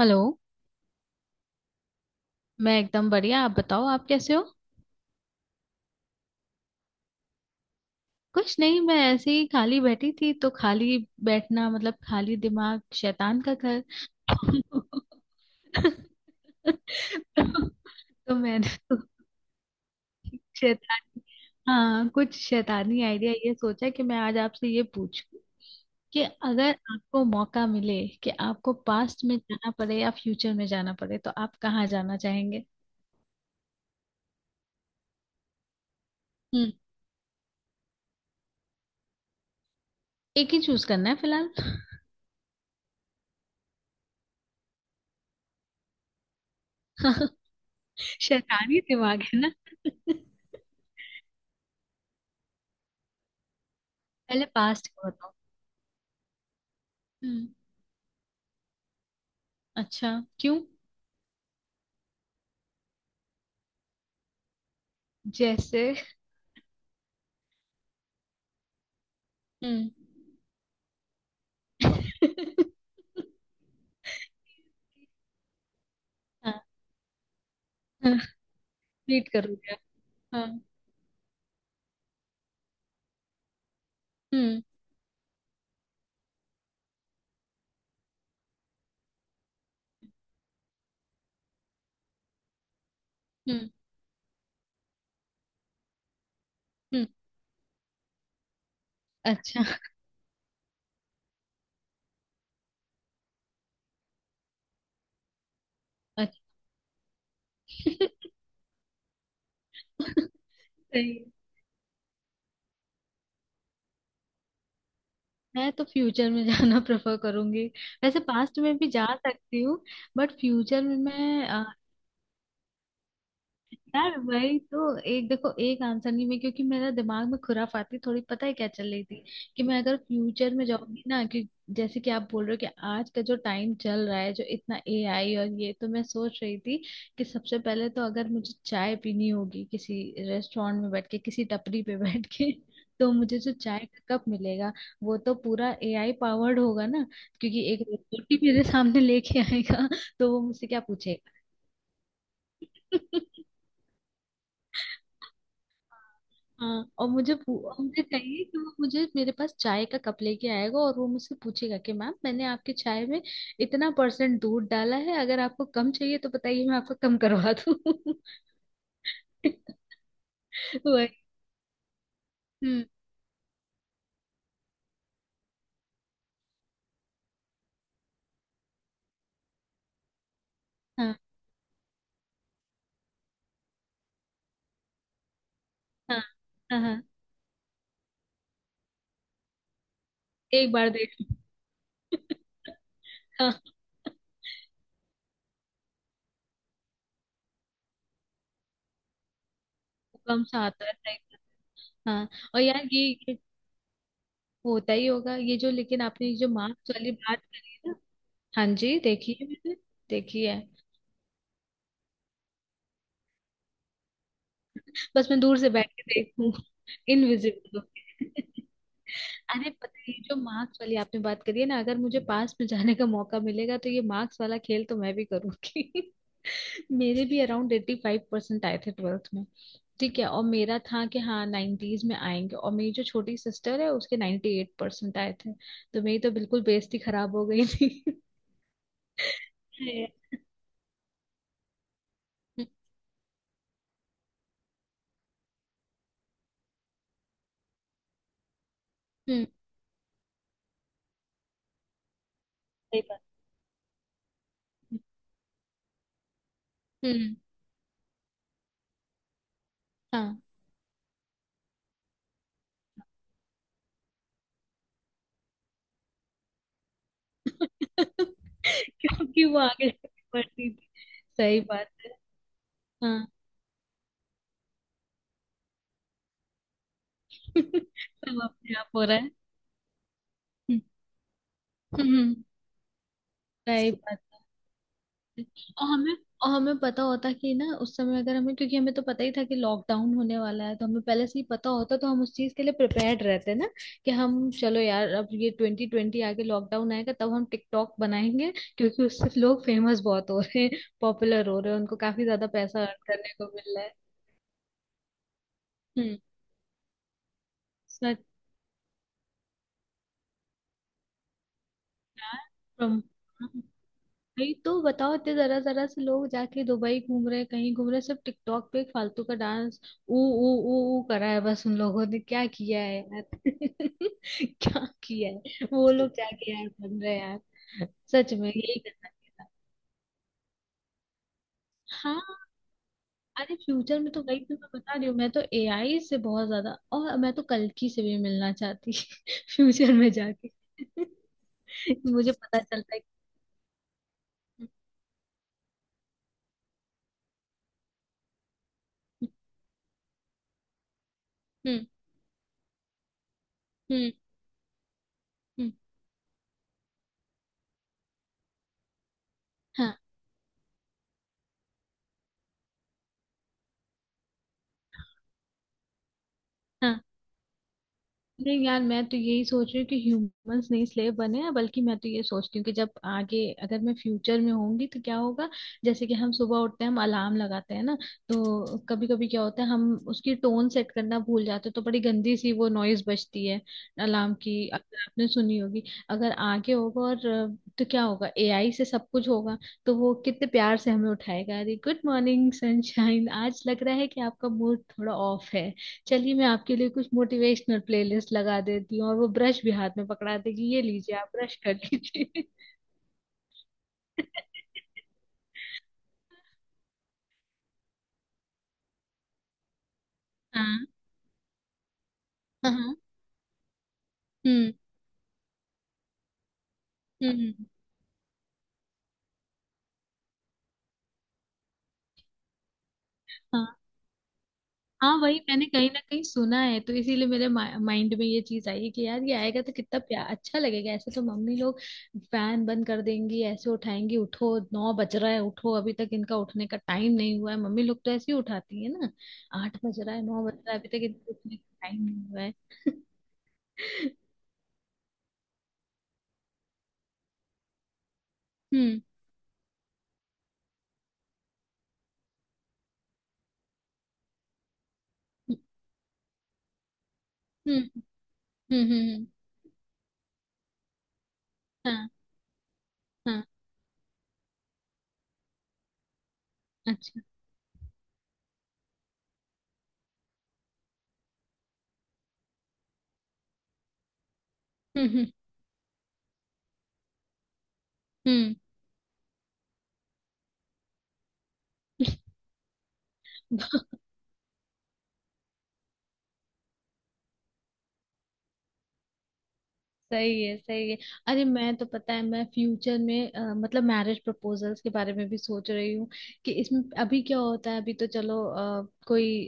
Hello. मैं एकदम बढ़िया। आप बताओ, आप कैसे हो? कुछ नहीं, मैं ऐसे ही खाली बैठी थी, तो खाली बैठना मतलब खाली दिमाग शैतान का घर। तो मैंने तो शैतानी। हाँ, कुछ शैतानी आइडिया, ये सोचा कि मैं आज आपसे ये पूछूं कि अगर आपको मौका मिले, कि आपको पास्ट में जाना पड़े या फ्यूचर में जाना पड़े, तो आप कहाँ जाना चाहेंगे? हम्म। एक ही चूज करना है फिलहाल। शैतानी दिमाग है ना। पहले पास्ट का बताओ। हम्म। अच्छा। क्यों? जैसे? हम्म। हाँ, रीड कर लिया। हाँ। हम्म। हम्म। हम्म। अच्छा। अच्छा। सही है। मैं तो फ्यूचर में जाना प्रेफर करूंगी। वैसे पास्ट में भी जा सकती हूँ, बट फ्यूचर में मैं, यार वही तो, एक देखो, एक आंसर नहीं। मैं क्योंकि मेरा दिमाग में खुराफाती, थोड़ी पता है क्या चल रही थी, कि मैं अगर फ्यूचर में जाऊंगी ना, कि जैसे कि आप बोल रहे हो कि आज का जो टाइम चल रहा है, जो इतना एआई, और ये तो मैं सोच रही थी कि सबसे पहले तो अगर मुझे चाय पीनी होगी किसी रेस्टोरेंट में बैठ के, किसी टपरी पे बैठ के, तो मुझे जो चाय का कप मिलेगा वो तो पूरा एआई पावर्ड होगा ना, क्योंकि एक रोबोट ही मेरे सामने लेके आएगा, तो वो मुझसे क्या पूछेगा। हाँ, और मुझे मुझे कहिए कि वो मुझे मेरे पास चाय का कप लेके आएगा, और वो मुझसे पूछेगा कि मैम, मैंने आपकी चाय में इतना परसेंट दूध डाला है, अगर आपको कम चाहिए तो बताइए, मैं आपको कम करवा दूँ। वही। हम्म। हाँ। हाँ। हाँ। हाँ, एक बार देख लो। हाँ, कम सा आता है, सही बात। हाँ, और यार ये होता ही होगा, ये जो, लेकिन आपने ये जो मार्क्स वाली बात करी है ना। हाँ जी, देखिए मैंने देखी है। बस मैं दूर से बैठ के देखूं। इनविजिबल। अरे पता है, ये जो मार्क्स वाली आपने बात करी है ना, अगर मुझे पास में जाने का मौका मिलेगा तो ये मार्क्स वाला खेल तो मैं भी करूंगी। मेरे भी अराउंड 85% आए थे 12th में। ठीक है, और मेरा था कि हाँ नाइन्टीज में आएंगे, और मेरी जो छोटी सिस्टर है उसके 98% आए थे। तो मेरी तो बिल्कुल बेइज्जती खराब हो गई थी। हम्म। हम्म। सही बात है। हम्म। हाँ। क्योंकि वो आगे जाके बढ़ती थी। सही बात है। हाँ। सब अपने आप हो रहा है। हम्म। हम्म। सही बात है। और हमें और हमें पता होता कि ना, उस समय अगर हमें, क्योंकि हमें तो पता ही था कि लॉकडाउन होने वाला है, तो हमें पहले से ही पता होता, तो हम उस चीज के लिए प्रिपेयर्ड रहते ना, कि हम चलो यार, अब ये 2020 आगे लॉकडाउन आएगा, तब हम टिकटॉक बनाएंगे, क्योंकि उससे लोग फेमस बहुत हो रहे हैं, पॉपुलर हो रहे हैं, उनको काफी ज्यादा पैसा अर्न करने को मिल रहा है। हम्म। प्रम- नहीं तो बताओ, इतने जरा जरा से लोग जाके दुबई घूम रहे, कहीं घूम रहे, सिर्फ टिकटॉक पे एक फालतू का डांस ऊ ऊ ऊ ऊ करा है, बस उन लोगों ने क्या किया है यार। क्या किया है, वो लोग जाके यार बन रहे हैं यार। सच में यही करना चाहिए था। हाँ। अरे फ्यूचर में तो वही तो मैं बता रही हूँ, मैं तो एआई से बहुत ज्यादा, और मैं तो कल्कि से भी मिलना चाहती फ्यूचर में जाके। मुझे पता चलता है। कि- हम्म। हम्म। हम्म। हम्म। हाँ, हाँ। नहीं यार, मैं तो यही सोच रही हूँ कि ह्यूमंस नहीं स्लेव बने हैं, बल्कि मैं तो ये सोचती हूँ कि जब आगे, अगर मैं फ्यूचर में होंगी तो क्या होगा। जैसे कि हम सुबह उठते हैं, हम अलार्म लगाते हैं ना, तो कभी कभी क्या होता है, हम उसकी टोन सेट करना भूल जाते हैं, तो बड़ी गंदी सी वो नॉइज बजती है अलार्म की, अगर आपने सुनी होगी। अगर आगे होगा, और तो क्या होगा, एआई से सब कुछ होगा, तो वो कितने प्यार से हमें उठाएगा, अरे गुड मॉर्निंग सनशाइन, आज लग रहा है कि आपका मूड थोड़ा ऑफ है, चलिए मैं आपके लिए कुछ मोटिवेशनल प्लेलिस्ट लगा देती हूँ। और वो ब्रश भी हाथ में पकड़ा देगी, ये लीजिए आप ब्रश कर लीजिए। हाँ, हाँ। हम्म। हम्म। हाँ, हाँ, वही मैंने कहीं ना कहीं सुना है, तो इसीलिए मेरे माइंड में ये चीज आई है कि यार, ये आएगा तो कितना प्या अच्छा लगेगा। ऐसे तो मम्मी लोग फैन बंद कर देंगी, ऐसे उठाएंगी, उठो 9 बज रहा है, उठो, अभी तक इनका उठने का टाइम नहीं हुआ है। मम्मी लोग तो ऐसे ही उठाती है ना, 8 बज रहा है, नौ बज रहा है, अभी तक इनका उठने का टाइम नहीं हुआ है। हम्म। हम्म। हम्म। हम्म। हम्म। हाँ, हाँ, अच्छा। हम्म। हम्म। हम्म। सही है, सही है। अरे मैं तो, पता है, मैं फ्यूचर में मतलब मैरिज प्रपोजल्स के बारे में भी सोच रही हूँ, कि इसमें अभी क्या होता है, अभी तो चलो कोई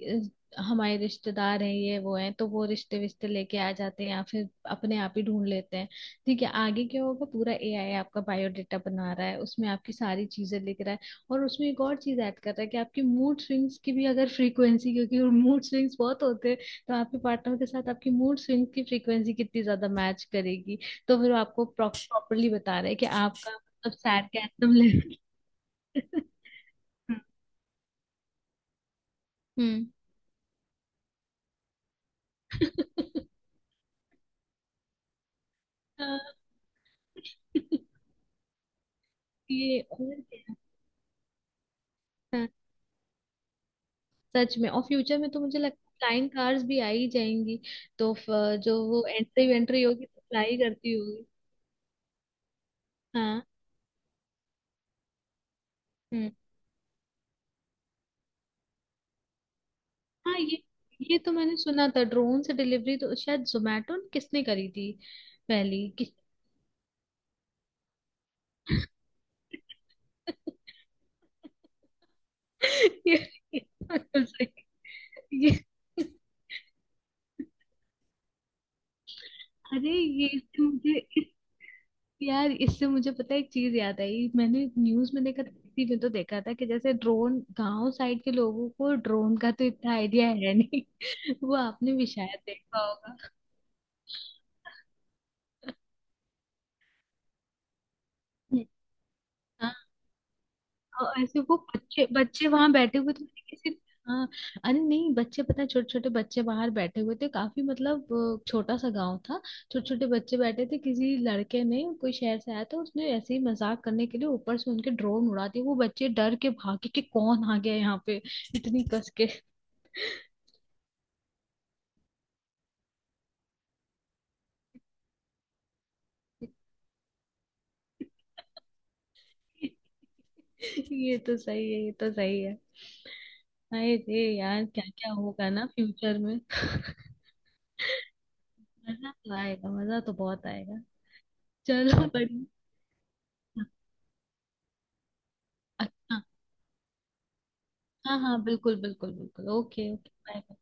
हमारे रिश्तेदार हैं, ये वो हैं, तो वो रिश्ते विश्ते लेके आ जाते हैं, या फिर अपने आप ही ढूंढ लेते हैं। ठीक है, आगे क्या होगा, पूरा एआई आपका बायोडेटा बना रहा है, उसमें आपकी सारी चीजें लिख रहा है, और उसमें एक और चीज ऐड कर रहा है कि आपकी मूड स्विंग्स की भी अगर फ्रीक्वेंसी, क्योंकि मूड स्विंग्स बहुत होते, तो आपके पार्टनर के साथ आपकी मूड स्विंग की फ्रीक्वेंसी कितनी ज्यादा मैच करेगी, तो फिर वो आपको प्रॉपरली बता रहे हैं कि आपका मतलब सैड का एकदम लेवल। हम्म। ये और क्या। हाँ, सच में। और फ्यूचर में तो मुझे लगता है फ्लाइंग कार्स भी आ ही जाएंगी, तो जो वो एंट्री वेंट्री होगी, तो फ्लाई करती होगी। हाँ। हम्म। हाँ। ये तो मैंने सुना था, ड्रोन से डिलीवरी तो शायद जोमेटो ने, किसने करी थी पहली, कि। ये, ये बात तो सही। ये, अरे ये, इससे मुझे, इस, यार इससे मुझे पता है एक चीज याद आई। मैंने न्यूज में देखा था, किसी में तो देखा था कि जैसे ड्रोन, गांव साइड के लोगों को ड्रोन का तो इतना आइडिया है नहीं। वो आपने भी शायद देखा होगा। और ऐसे वो बच्चे बच्चे वहां बैठे हुए थे, मैंने किसी। हाँ। अरे नहीं, बच्चे पता है, छोटे छोटे बच्चे बाहर बैठे हुए थे, काफी मतलब, छोटा सा गांव था, छोटे छोटे बच्चे बैठे थे, किसी लड़के ने, कोई शहर से आया था, उसने ऐसे ही मजाक करने के लिए ऊपर से उनके ड्रोन उड़ा दिए, वो बच्चे डर के भागे कि कौन आ गया यहाँ पे इतनी कस के। ये तो सही है, ये तो सही है। अरे रे यार, क्या क्या होगा ना फ्यूचर में। मजा तो आएगा, मजा तो बहुत आएगा। चलो हाँ, बढ़िया। हाँ, अच्छा। हाँ, हाँ, बिल्कुल, बिल्कुल, बिल्कुल, ओके, ओके, बाय।